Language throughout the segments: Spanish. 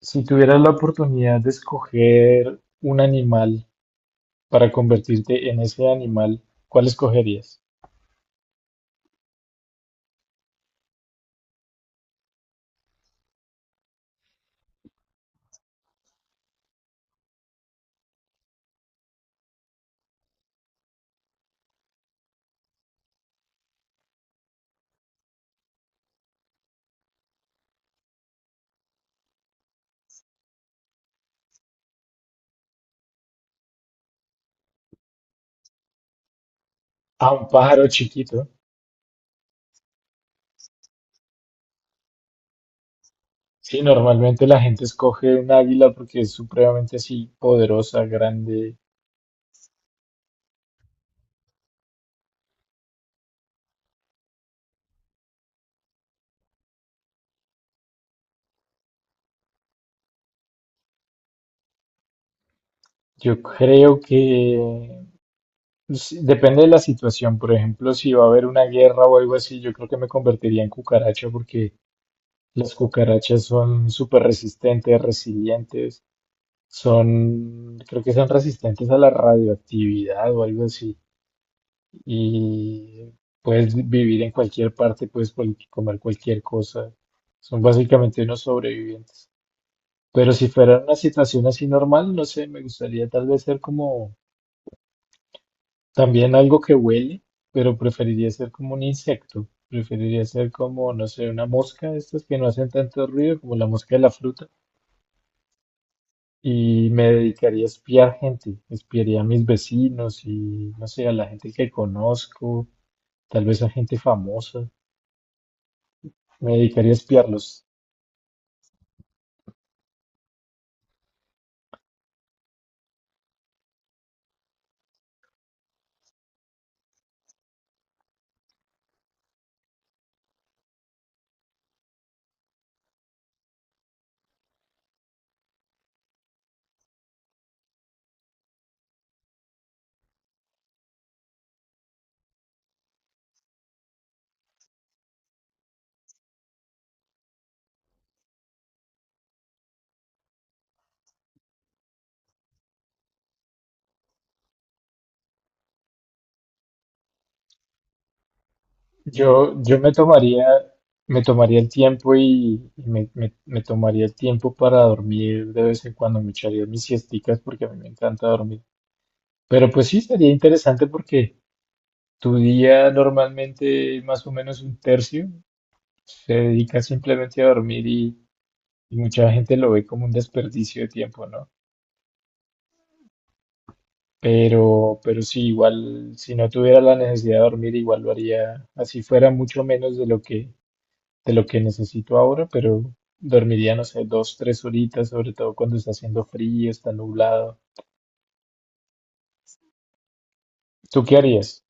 Si tuvieras la oportunidad de escoger un animal para convertirte en ese animal, ¿cuál escogerías? A un pájaro chiquito. Sí, normalmente la gente escoge un águila porque es supremamente así, poderosa, grande. Yo creo que sí, depende de la situación. Por ejemplo, si va a haber una guerra o algo así, yo creo que me convertiría en cucaracha porque las cucarachas son súper resistentes, resilientes. Son, creo que son resistentes a la radioactividad o algo así. Y puedes vivir en cualquier parte, puedes comer cualquier cosa. Son básicamente unos sobrevivientes. Pero si fuera una situación así normal, no sé, me gustaría tal vez ser como también algo que huele, pero preferiría ser como un insecto. Preferiría ser como, no sé, una mosca, de estas que no hacen tanto ruido, como la mosca de la fruta. Y me dedicaría a espiar gente, espiaría a mis vecinos y no sé, a la gente que conozco, tal vez a gente famosa, me dedicaría a espiarlos. Yo me tomaría, el tiempo y me tomaría el tiempo para dormir de vez en cuando, me echaría mis siesticas porque a mí me encanta dormir. Pero pues sí, sería interesante porque tu día normalmente más o menos un tercio se dedica simplemente a dormir. Y mucha gente lo ve como un desperdicio de tiempo, ¿no? Pero sí, igual, si no tuviera la necesidad de dormir, igual lo haría, así fuera mucho menos de lo que necesito ahora, pero dormiría, no sé, 2, 3 horitas, sobre todo cuando está haciendo frío, está nublado. ¿Tú qué harías?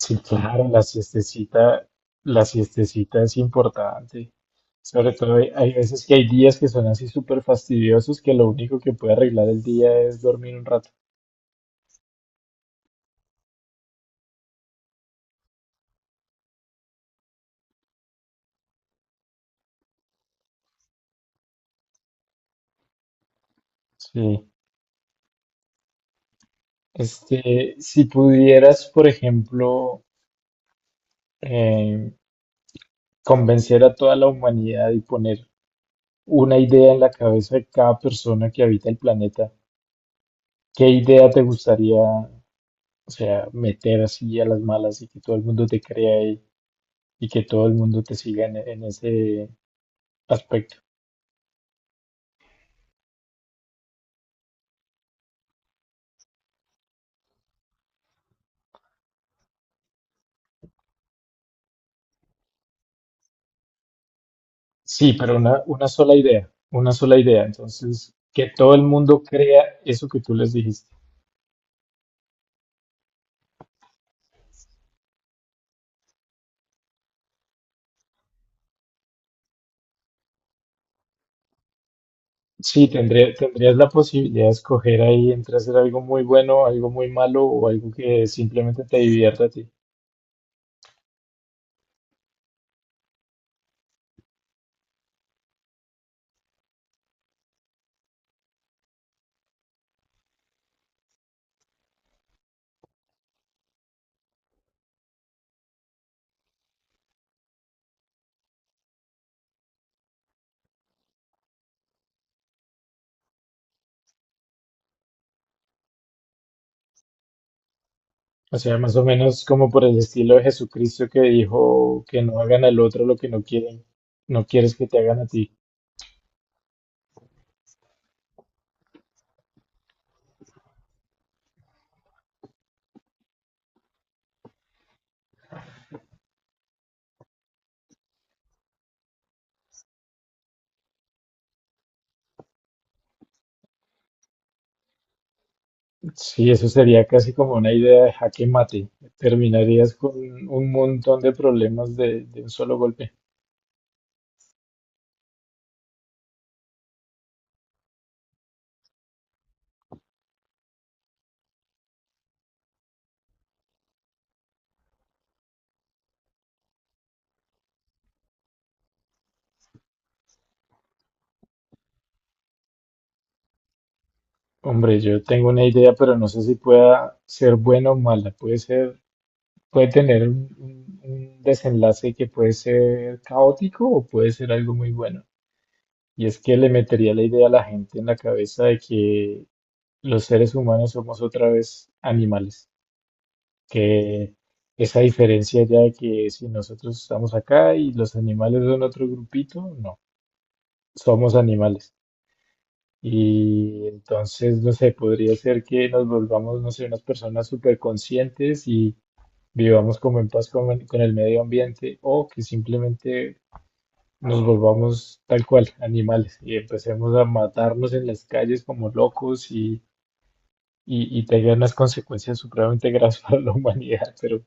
Sí, claro, la siestecita es importante. Sobre todo hay veces que hay días que son así súper fastidiosos que lo único que puede arreglar el día es dormir un rato. Sí. Este, si pudieras, por ejemplo, eh, convencer a toda la humanidad y poner una idea en la cabeza de cada persona que habita el planeta, ¿qué idea te gustaría, o sea, meter así a las malas y que todo el mundo te crea y que todo el mundo te siga en, ese aspecto? Sí, pero una sola idea, una sola idea. Entonces, que todo el mundo crea eso que tú les dijiste. Sí, tendrías la posibilidad de escoger ahí entre hacer algo muy bueno, algo muy malo o algo que simplemente te divierta a ti. O sea, más o menos como por el estilo de Jesucristo que dijo que no hagan al otro lo que no quieren, no quieres que te hagan a ti. Sí, eso sería casi como una idea de jaque mate. Terminarías con un montón de problemas de, un solo golpe. Hombre, yo tengo una idea, pero no sé si pueda ser buena o mala. Puede tener un desenlace que puede ser caótico o puede ser algo muy bueno. Y es que le metería la idea a la gente en la cabeza de que los seres humanos somos otra vez animales. Que esa diferencia ya de que si nosotros estamos acá y los animales son otro grupito, no, somos animales. Y entonces, no sé, podría ser que nos volvamos, no sé, unas personas súper conscientes y vivamos como en paz con el medio ambiente o que simplemente nos volvamos tal cual, animales, y empecemos a matarnos en las calles como locos y tenga unas consecuencias supremamente graves para la humanidad, pero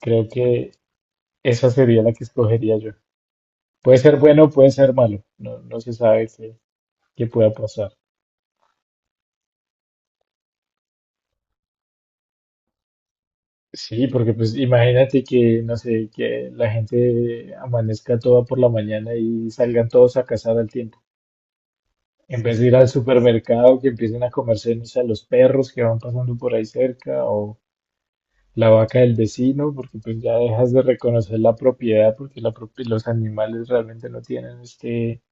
creo que esa sería la que escogería yo. Puede ser bueno, puede ser malo, no, no se sabe qué pueda pasar. Sí, porque pues imagínate que, no sé, que la gente amanezca toda por la mañana y salgan todos a cazar al tiempo. En vez de ir al supermercado, que empiecen a comerse, no sé, los perros que van pasando por ahí cerca o la vaca del vecino, porque pues ya dejas de reconocer la propiedad, porque los animales realmente no tienen este,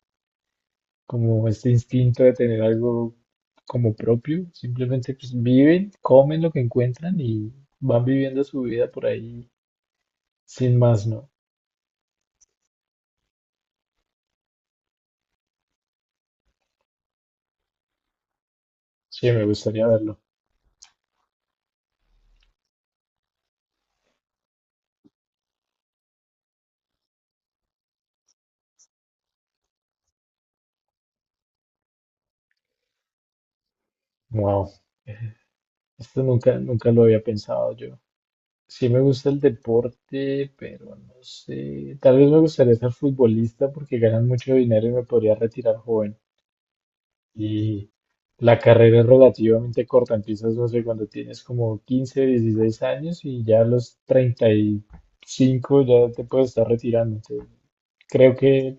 como este instinto de tener algo como propio, simplemente pues viven, comen lo que encuentran y van viviendo su vida por ahí sin más, ¿no? Sí, me gustaría verlo. Wow, esto nunca, nunca lo había pensado yo. Sí me gusta el deporte, pero no sé. Tal vez me gustaría ser futbolista porque ganan mucho dinero y me podría retirar joven. Y la carrera es relativamente corta. Empiezas, no sé, cuando tienes como 15, 16 años y ya a los 35 ya te puedes estar retirando. Entonces, creo que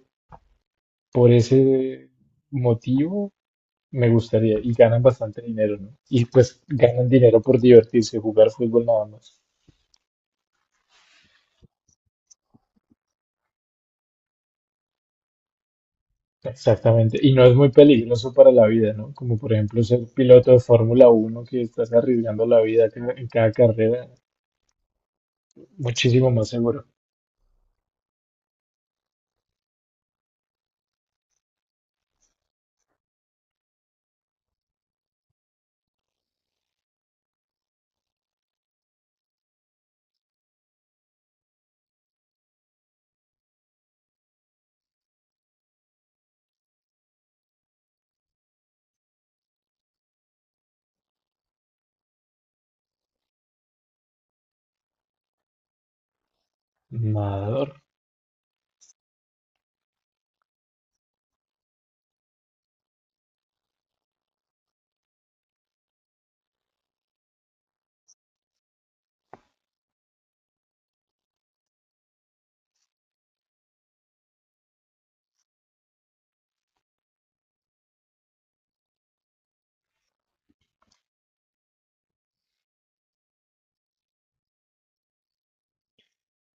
por ese motivo me gustaría. Y ganan bastante dinero, ¿no? Y pues ganan dinero por divertirse, jugar fútbol nada más. Exactamente, y no es muy peligroso para la vida, ¿no? Como por ejemplo ser piloto de Fórmula 1 que estás arriesgando la vida en cada carrera, muchísimo más seguro. Nadador.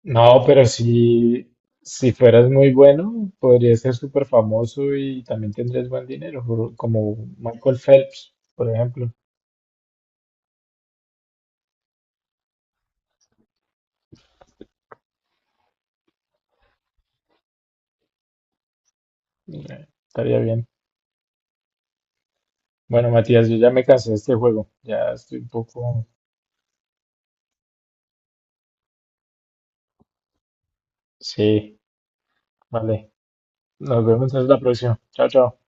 No, pero si, fueras muy bueno, podrías ser súper famoso y también tendrías buen dinero, como Michael Phelps, por ejemplo. Estaría bien. Bueno, Matías, yo ya me cansé de este juego, ya estoy un poco... Sí, vale. Nos vemos entonces la próxima. Chao, chao.